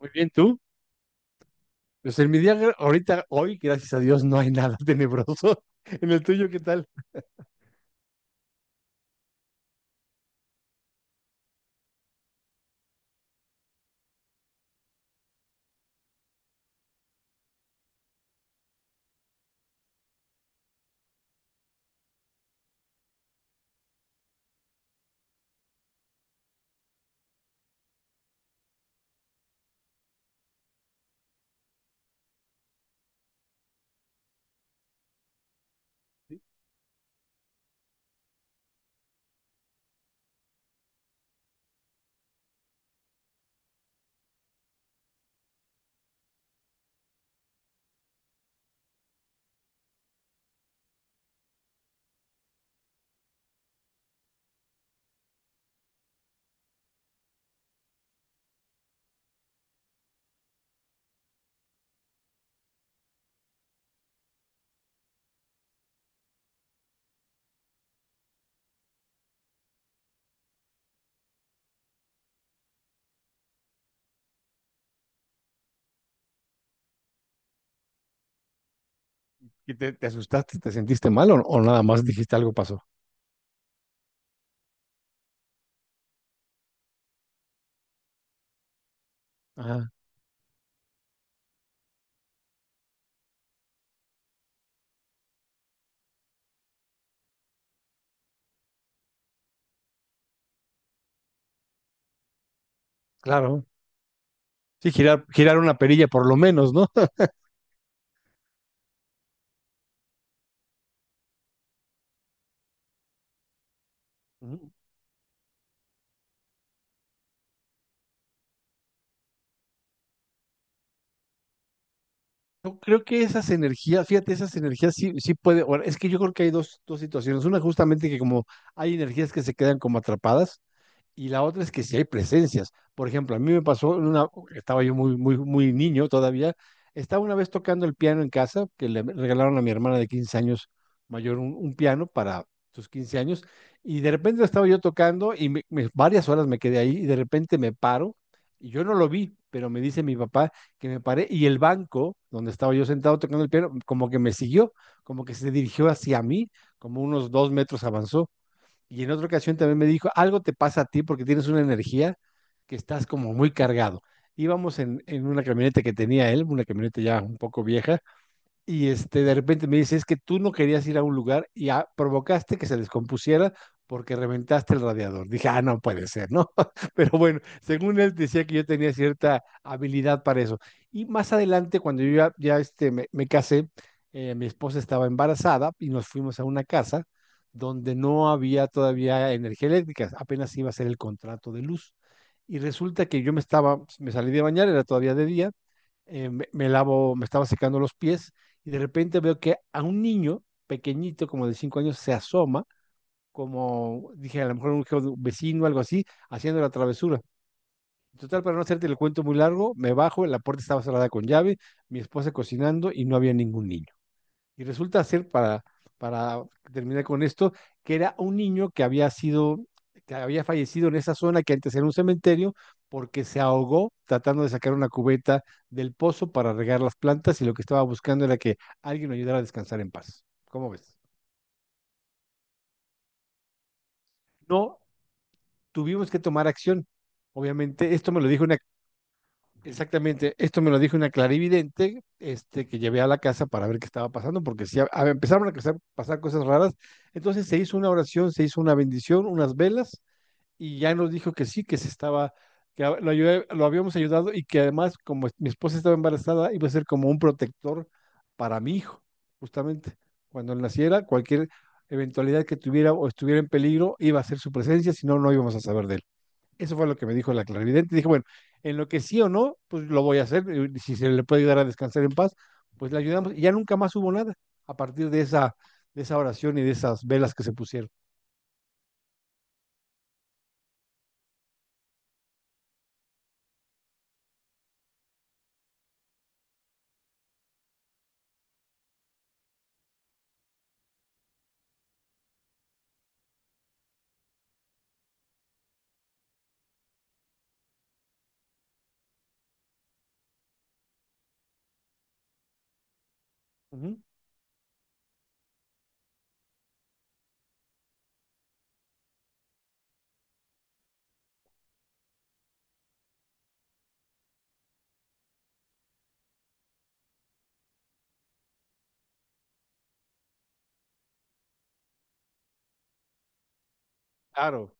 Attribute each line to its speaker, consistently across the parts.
Speaker 1: Muy bien, ¿tú? Pues en mi día, ahorita, hoy, gracias a Dios, no hay nada tenebroso. En el tuyo, ¿qué tal? ¿Y te asustaste, te sentiste mal o nada más dijiste algo pasó? Ajá, claro. Sí, girar una perilla por lo menos, ¿no? Ujú. Yo creo que esas energías, fíjate, esas energías sí, sí puede, bueno, es que yo creo que hay dos situaciones. Una justamente que como hay energías que se quedan como atrapadas, y la otra es que si hay presencias. Por ejemplo, a mí me pasó, estaba yo muy, muy, muy niño todavía, estaba una vez tocando el piano en casa, que le regalaron a mi hermana de 15 años mayor un piano para sus 15 años, y de repente estaba yo tocando y varias horas me quedé ahí y de repente me paro, y yo no lo vi, pero me dice mi papá que me paré y el banco donde estaba yo sentado tocando el piano, como que me siguió, como que se dirigió hacia mí, como unos 2 metros avanzó. Y en otra ocasión también me dijo, algo te pasa a ti porque tienes una energía que estás como muy cargado. Íbamos en una camioneta que tenía él, una camioneta ya un poco vieja, y este, de repente me dice, es que tú no querías ir a un lugar y ah, provocaste que se descompusiera porque reventaste el radiador. Dije, ah, no puede ser, ¿no? Pero bueno, según él decía que yo tenía cierta habilidad para eso. Y más adelante, cuando yo ya este, me casé. Mi esposa estaba embarazada y nos fuimos a una casa donde no había todavía energía eléctrica, apenas iba a ser el contrato de luz. Y resulta que yo me salí de bañar, era todavía de día. Me lavo, me estaba secando los pies y de repente veo que a un niño pequeñito, como de 5 años, se asoma, como dije, a lo mejor un vecino, algo así, haciendo la travesura. Total, para no hacerte el cuento muy largo, me bajo, la puerta estaba cerrada con llave, mi esposa cocinando y no había ningún niño. Y resulta ser, para terminar con esto, que era un niño que había sido, que había fallecido en esa zona que antes era un cementerio, porque se ahogó tratando de sacar una cubeta del pozo para regar las plantas y lo que estaba buscando era que alguien lo ayudara a descansar en paz. ¿Cómo ves? No tuvimos que tomar acción. Obviamente, esto me lo dijo una Exactamente, esto me lo dijo una clarividente, este, que llevé a la casa para ver qué estaba pasando, porque si empezaron a pasar cosas raras. Entonces se hizo una oración, se hizo una bendición, unas velas, y ya nos dijo que sí, que lo habíamos ayudado y que además, como mi esposa estaba embarazada, iba a ser como un protector para mi hijo, justamente. Cuando él naciera, cualquier eventualidad que tuviera o estuviera en peligro, iba a ser su presencia, si no, no íbamos a saber de él. Eso fue lo que me dijo la clarividente. Dije, bueno, en lo que sí o no, pues lo voy a hacer. Y si se le puede ayudar a descansar en paz, pues le ayudamos. Y ya nunca más hubo nada a partir de esa oración y de esas velas que se pusieron. Ujú. Claro,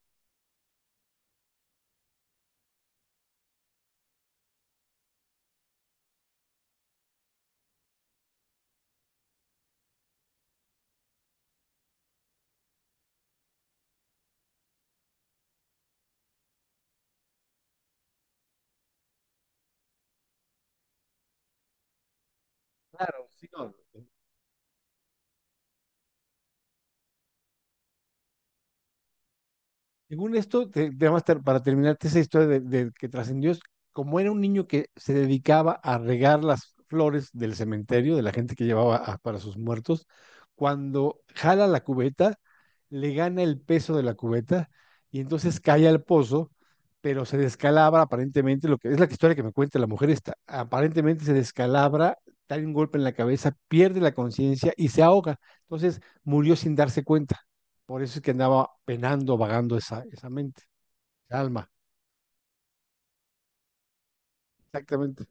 Speaker 1: claro, sí, no, según esto, además, para terminarte esa historia de que trascendió, es como era un niño que se dedicaba a regar las flores del cementerio, de la gente que llevaba para sus muertos, cuando jala la cubeta, le gana el peso de la cubeta y entonces cae al pozo, pero se descalabra aparentemente, lo que es la historia que me cuenta la mujer esta, aparentemente se descalabra, da un golpe en la cabeza, pierde la conciencia y se ahoga. Entonces murió sin darse cuenta. Por eso es que andaba penando, vagando esa mente, esa alma. Exactamente,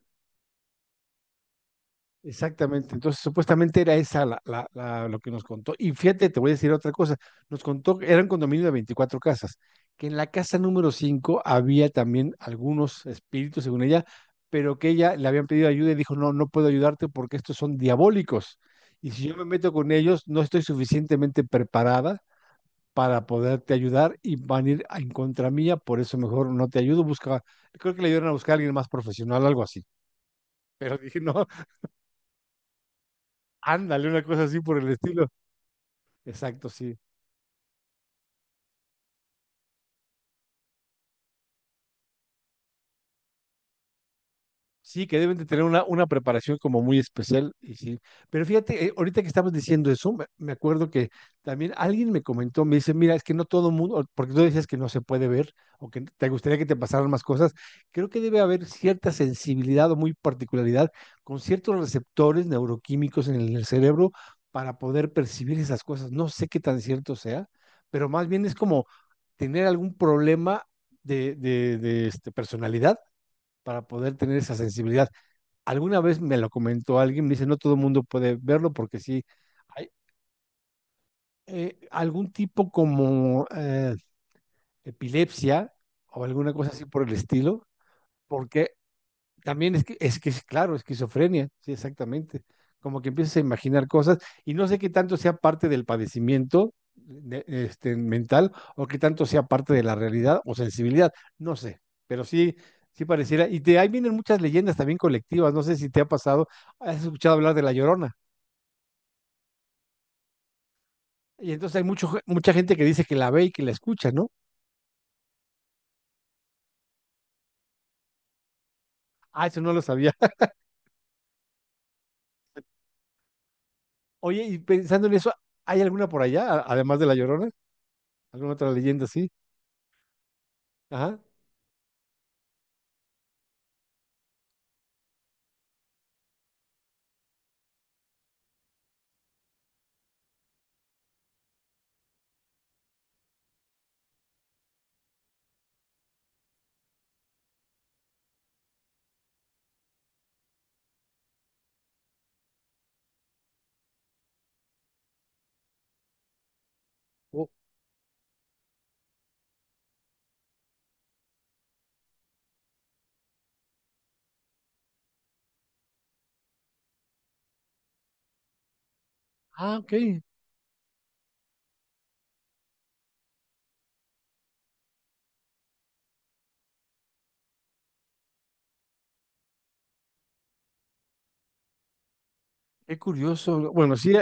Speaker 1: exactamente. Entonces, supuestamente era esa lo que nos contó. Y fíjate, te voy a decir otra cosa. Nos contó que era un condominio de 24 casas, que en la casa número 5 había también algunos espíritus, según ella, pero que ella le habían pedido ayuda y dijo, no, no puedo ayudarte porque estos son diabólicos. Y si yo me meto con ellos, no estoy suficientemente preparada para poderte ayudar y van a ir en contra mía, por eso mejor no te ayudo, busca, creo que le dieron a buscar a alguien más profesional, algo así, pero dije, no, ándale, una cosa así por el estilo. Exacto, sí. Sí, que deben de tener una preparación como muy especial. Y sí. Pero fíjate, ahorita que estabas diciendo eso, me acuerdo que también alguien me comentó, me dice, mira, es que no todo mundo, porque tú decías que no se puede ver o que te gustaría que te pasaran más cosas, creo que debe haber cierta sensibilidad o muy particularidad con ciertos receptores neuroquímicos en el cerebro para poder percibir esas cosas. No sé qué tan cierto sea, pero más bien es como tener algún problema de este, personalidad para poder tener esa sensibilidad. Alguna vez me lo comentó alguien, me dice, no todo el mundo puede verlo porque sí, hay algún tipo como epilepsia o alguna cosa así por el estilo, porque también es que es claro, esquizofrenia, sí, exactamente, como que empiezas a imaginar cosas y no sé qué tanto sea parte del padecimiento este, mental o qué tanto sea parte de la realidad o sensibilidad, no sé, pero sí. Sí pareciera, y de ahí vienen muchas leyendas también colectivas, no sé si te ha pasado, has escuchado hablar de La Llorona. Y entonces hay mucha gente que dice que la ve y que la escucha, ¿no? Ah, eso no lo sabía. Oye, y pensando en eso, ¿hay alguna por allá, además de La Llorona? ¿Alguna otra leyenda así? Ajá. Oh, ah, ok. Qué curioso. Bueno, sí,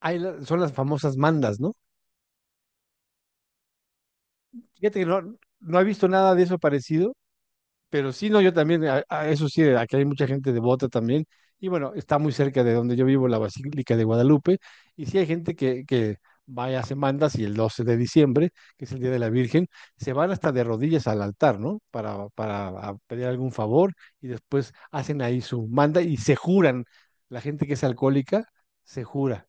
Speaker 1: son las famosas mandas, ¿no? Fíjate que no, no he visto nada de eso parecido, pero sí, no, yo también, a eso sí, aquí hay mucha gente devota también. Y bueno, está muy cerca de donde yo vivo, la Basílica de Guadalupe. Y sí hay gente que va y hace mandas y el 12 de diciembre, que es el Día de la Virgen, se van hasta de rodillas al altar, ¿no? Para a pedir algún favor y después hacen ahí su manda y se juran. La gente que es alcohólica se jura.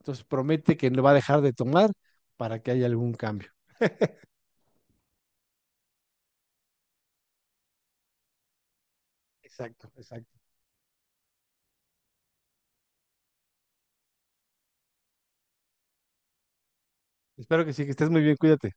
Speaker 1: Entonces promete que no va a dejar de tomar para que haya algún cambio. Exacto, exacto. Espero que sí, que estés muy bien, cuídate.